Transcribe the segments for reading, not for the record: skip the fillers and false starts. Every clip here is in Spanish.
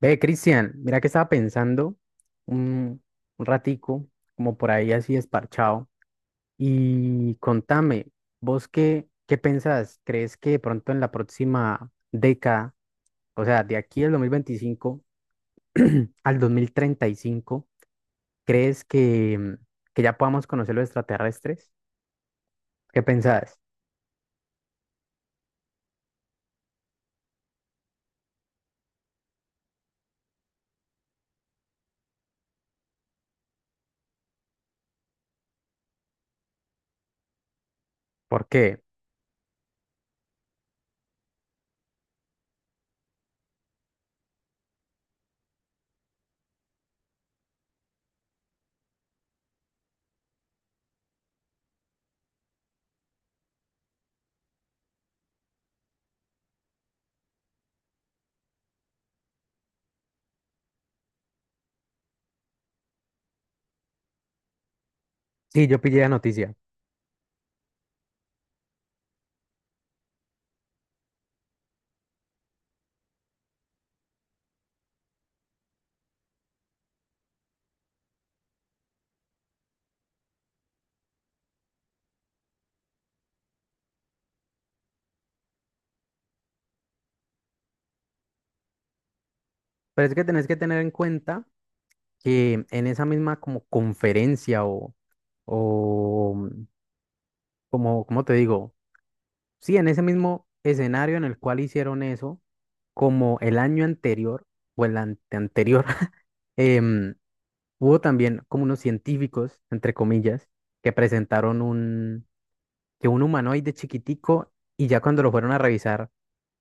Ve, Cristian, mira que estaba pensando un, un ratico, como por ahí así esparchado, y contame, ¿vos qué, qué pensás? ¿Crees que de pronto en la próxima década, o sea, de aquí al 2025 al 2035, crees que, que ya podamos conocer los extraterrestres? ¿Qué pensás? Porque sí, yo pillé la noticia, pero es que tenés que tener en cuenta que en esa misma como conferencia o o como, como te digo, sí, en ese mismo escenario en el cual hicieron eso, como el año anterior o el anteanterior, em, hubo también como unos científicos, entre comillas, que presentaron un, que un humanoide chiquitico y ya cuando lo fueron a revisar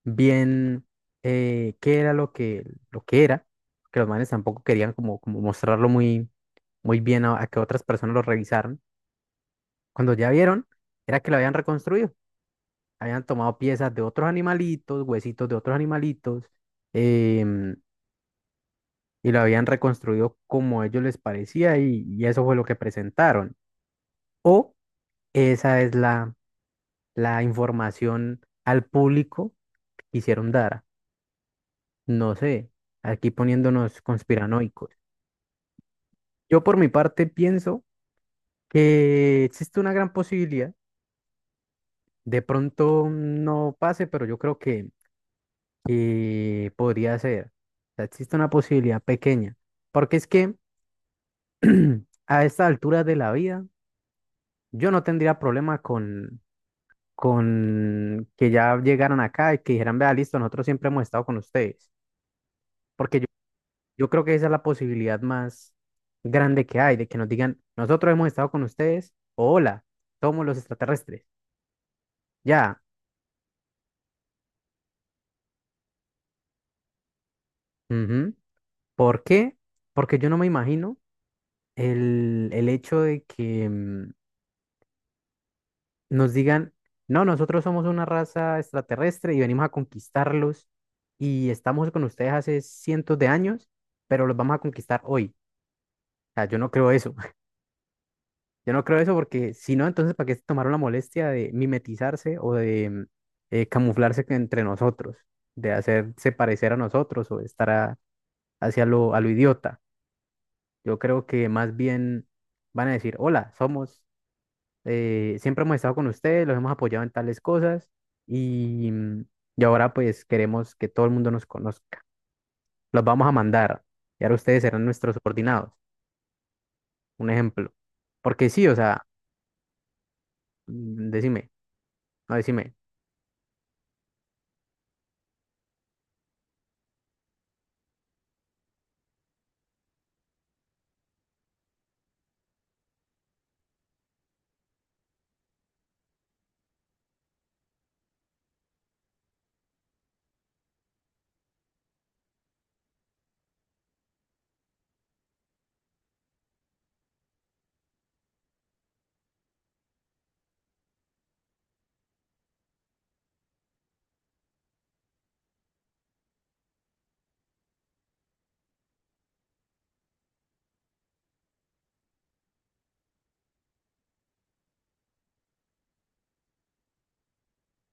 bien qué era lo que era, que los manes tampoco querían como, como mostrarlo muy, muy bien a que otras personas lo revisaran, cuando ya vieron, era que lo habían reconstruido. Habían tomado piezas de otros animalitos, huesitos de otros animalitos, em, y lo habían reconstruido como a ellos les parecía y eso fue lo que presentaron. O esa es la, la información al público que quisieron dar. No sé, aquí poniéndonos conspiranoicos. Yo por mi parte pienso que existe una gran posibilidad. De pronto no pase, pero yo creo que podría ser. O sea, existe una posibilidad pequeña. Porque es que a esta altura de la vida, yo no tendría problema con que ya llegaran acá y que dijeran, vea, listo, nosotros siempre hemos estado con ustedes. Porque yo creo que esa es la posibilidad más grande que hay, de que nos digan, nosotros hemos estado con ustedes, o hola, somos los extraterrestres. Ya. Ujú. ¿Por qué? Porque yo no me imagino el hecho de que, nos digan, no, nosotros somos una raza extraterrestre y venimos a conquistarlos y estamos con ustedes hace cientos de años, pero los vamos a conquistar hoy. O sea, yo no creo eso. Yo no creo eso porque si no, entonces, ¿para qué se tomaron la molestia de mimetizarse o de camuflarse que- entre nosotros, de hacerse parecer a nosotros o de estar a- hacia lo, a lo idiota? Yo creo que más bien van a decir, hola, somos siempre hemos estado con ustedes, los hemos apoyado en tales cosas y, y ahora pues queremos que todo el mundo nos conozca. Los vamos a mandar y ahora ustedes serán nuestros subordinados, un ejemplo. Porque sí, o sea, mm, decime, no, decime.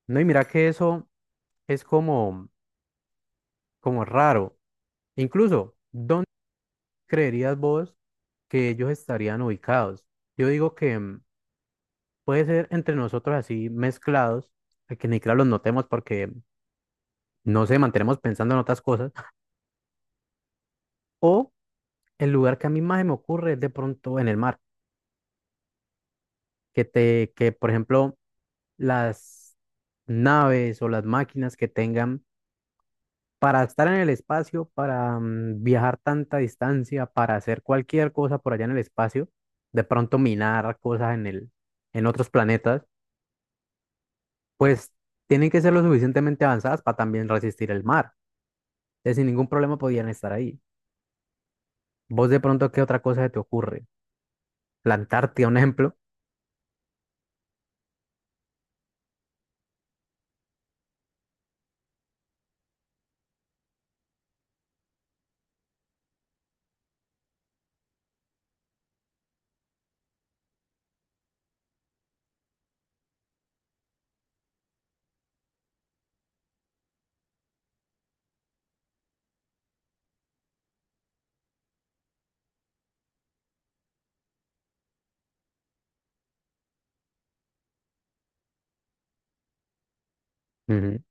No, y mira que eso es como, como raro. Incluso, ¿dónde creerías vos que ellos estarían ubicados? Yo digo que puede ser entre nosotros así mezclados, que ni claro los notemos porque, no sé, mantenemos pensando en otras cosas. O el lugar que a mí más se me ocurre es de pronto en el mar, que te, que por ejemplo las naves o las máquinas que tengan para estar en el espacio, para viajar tanta distancia, para hacer cualquier cosa por allá en el espacio, de pronto minar cosas en el, en otros planetas, pues tienen que ser lo suficientemente avanzadas para también resistir el mar. Entonces, sin ningún problema podían estar ahí. Vos de pronto, ¿qué otra cosa se te ocurre? Plantarte, un ejemplo. Ujú.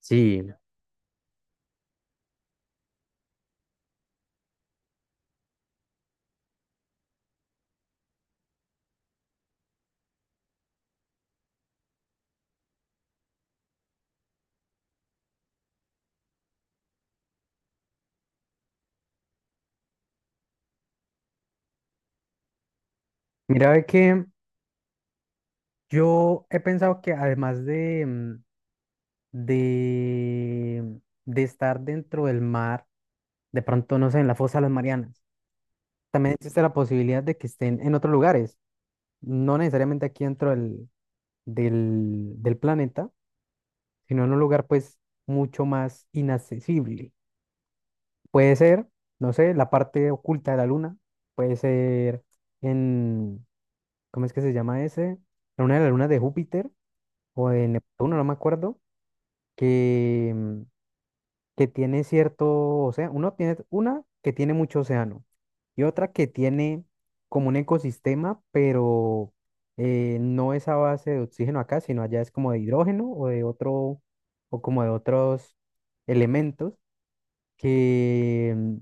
Sí. Mira, ve que yo he pensado que además de, de, de estar dentro del mar, de pronto, no sé, en la fosa de las Marianas, también existe la posibilidad de que estén en otros lugares, no necesariamente aquí dentro del, del, del planeta, sino en un lugar pues mucho más inaccesible. Puede ser, no sé, la parte oculta de la luna, puede ser en, ¿cómo es que se llama ese? En una de las lunas de Júpiter o de Neptuno, no me acuerdo que que tiene cierto océano, uno tiene una que tiene mucho océano y otra que tiene como un ecosistema, pero no es a base de oxígeno acá, sino allá es como de hidrógeno o de otro, o como de otros elementos que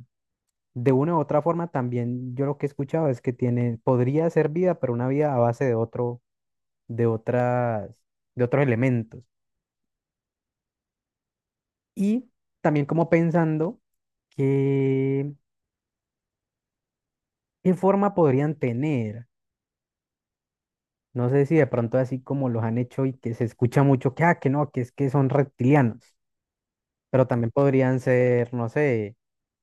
de una u otra forma también yo lo que he escuchado es que tiene, podría ser vida, pero una vida a base de otro, de otras, de otros elementos. Y también como pensando que ¿qué forma podrían tener? No sé si de pronto así como los han hecho y que se escucha mucho que, ah, que no, que es que son reptilianos, pero también podrían ser, no sé,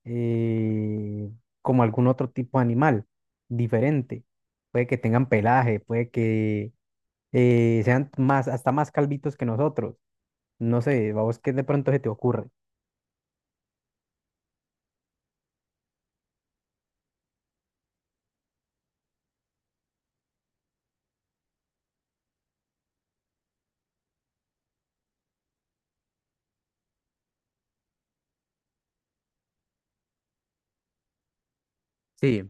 eh, como algún otro tipo de animal diferente. Puede que tengan pelaje, puede que sean más, hasta más calvitos que nosotros. No sé, vamos, ¿qué de pronto se te ocurre? Sí,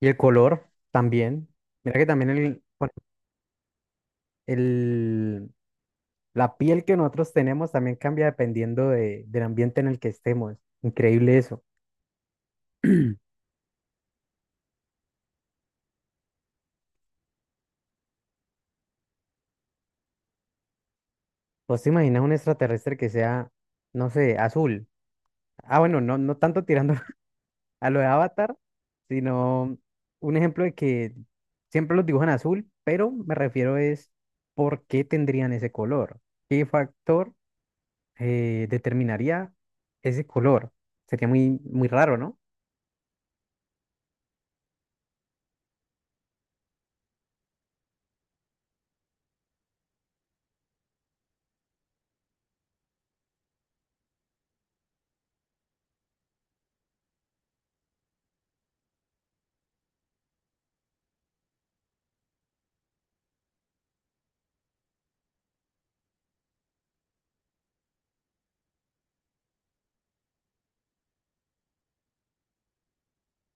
y el color también. Mira que también el, bueno, el, la piel que nosotros tenemos también cambia dependiendo de- del ambiente en el que estemos. Increíble eso. ¿Vos te imaginas un extraterrestre que sea, no sé, azul? Ah, bueno, no, no tanto tirando a lo de Avatar, sino un ejemplo de que siempre los dibujan azul, pero me refiero es por qué tendrían ese color. ¿Qué factor determinaría ese color? Sería muy, muy raro, ¿no?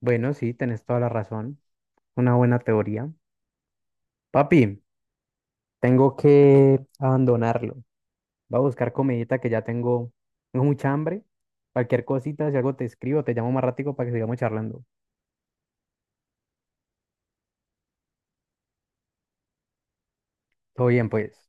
Bueno, sí, tenés toda la razón. Una buena teoría. Papi. Tengo que abandonarlo. Voy a buscar comidita que ya tengo, tengo mucha hambre. Cualquier cosita, si algo te escribo, te llamo más ratico para que sigamos charlando. Todo bien, pues.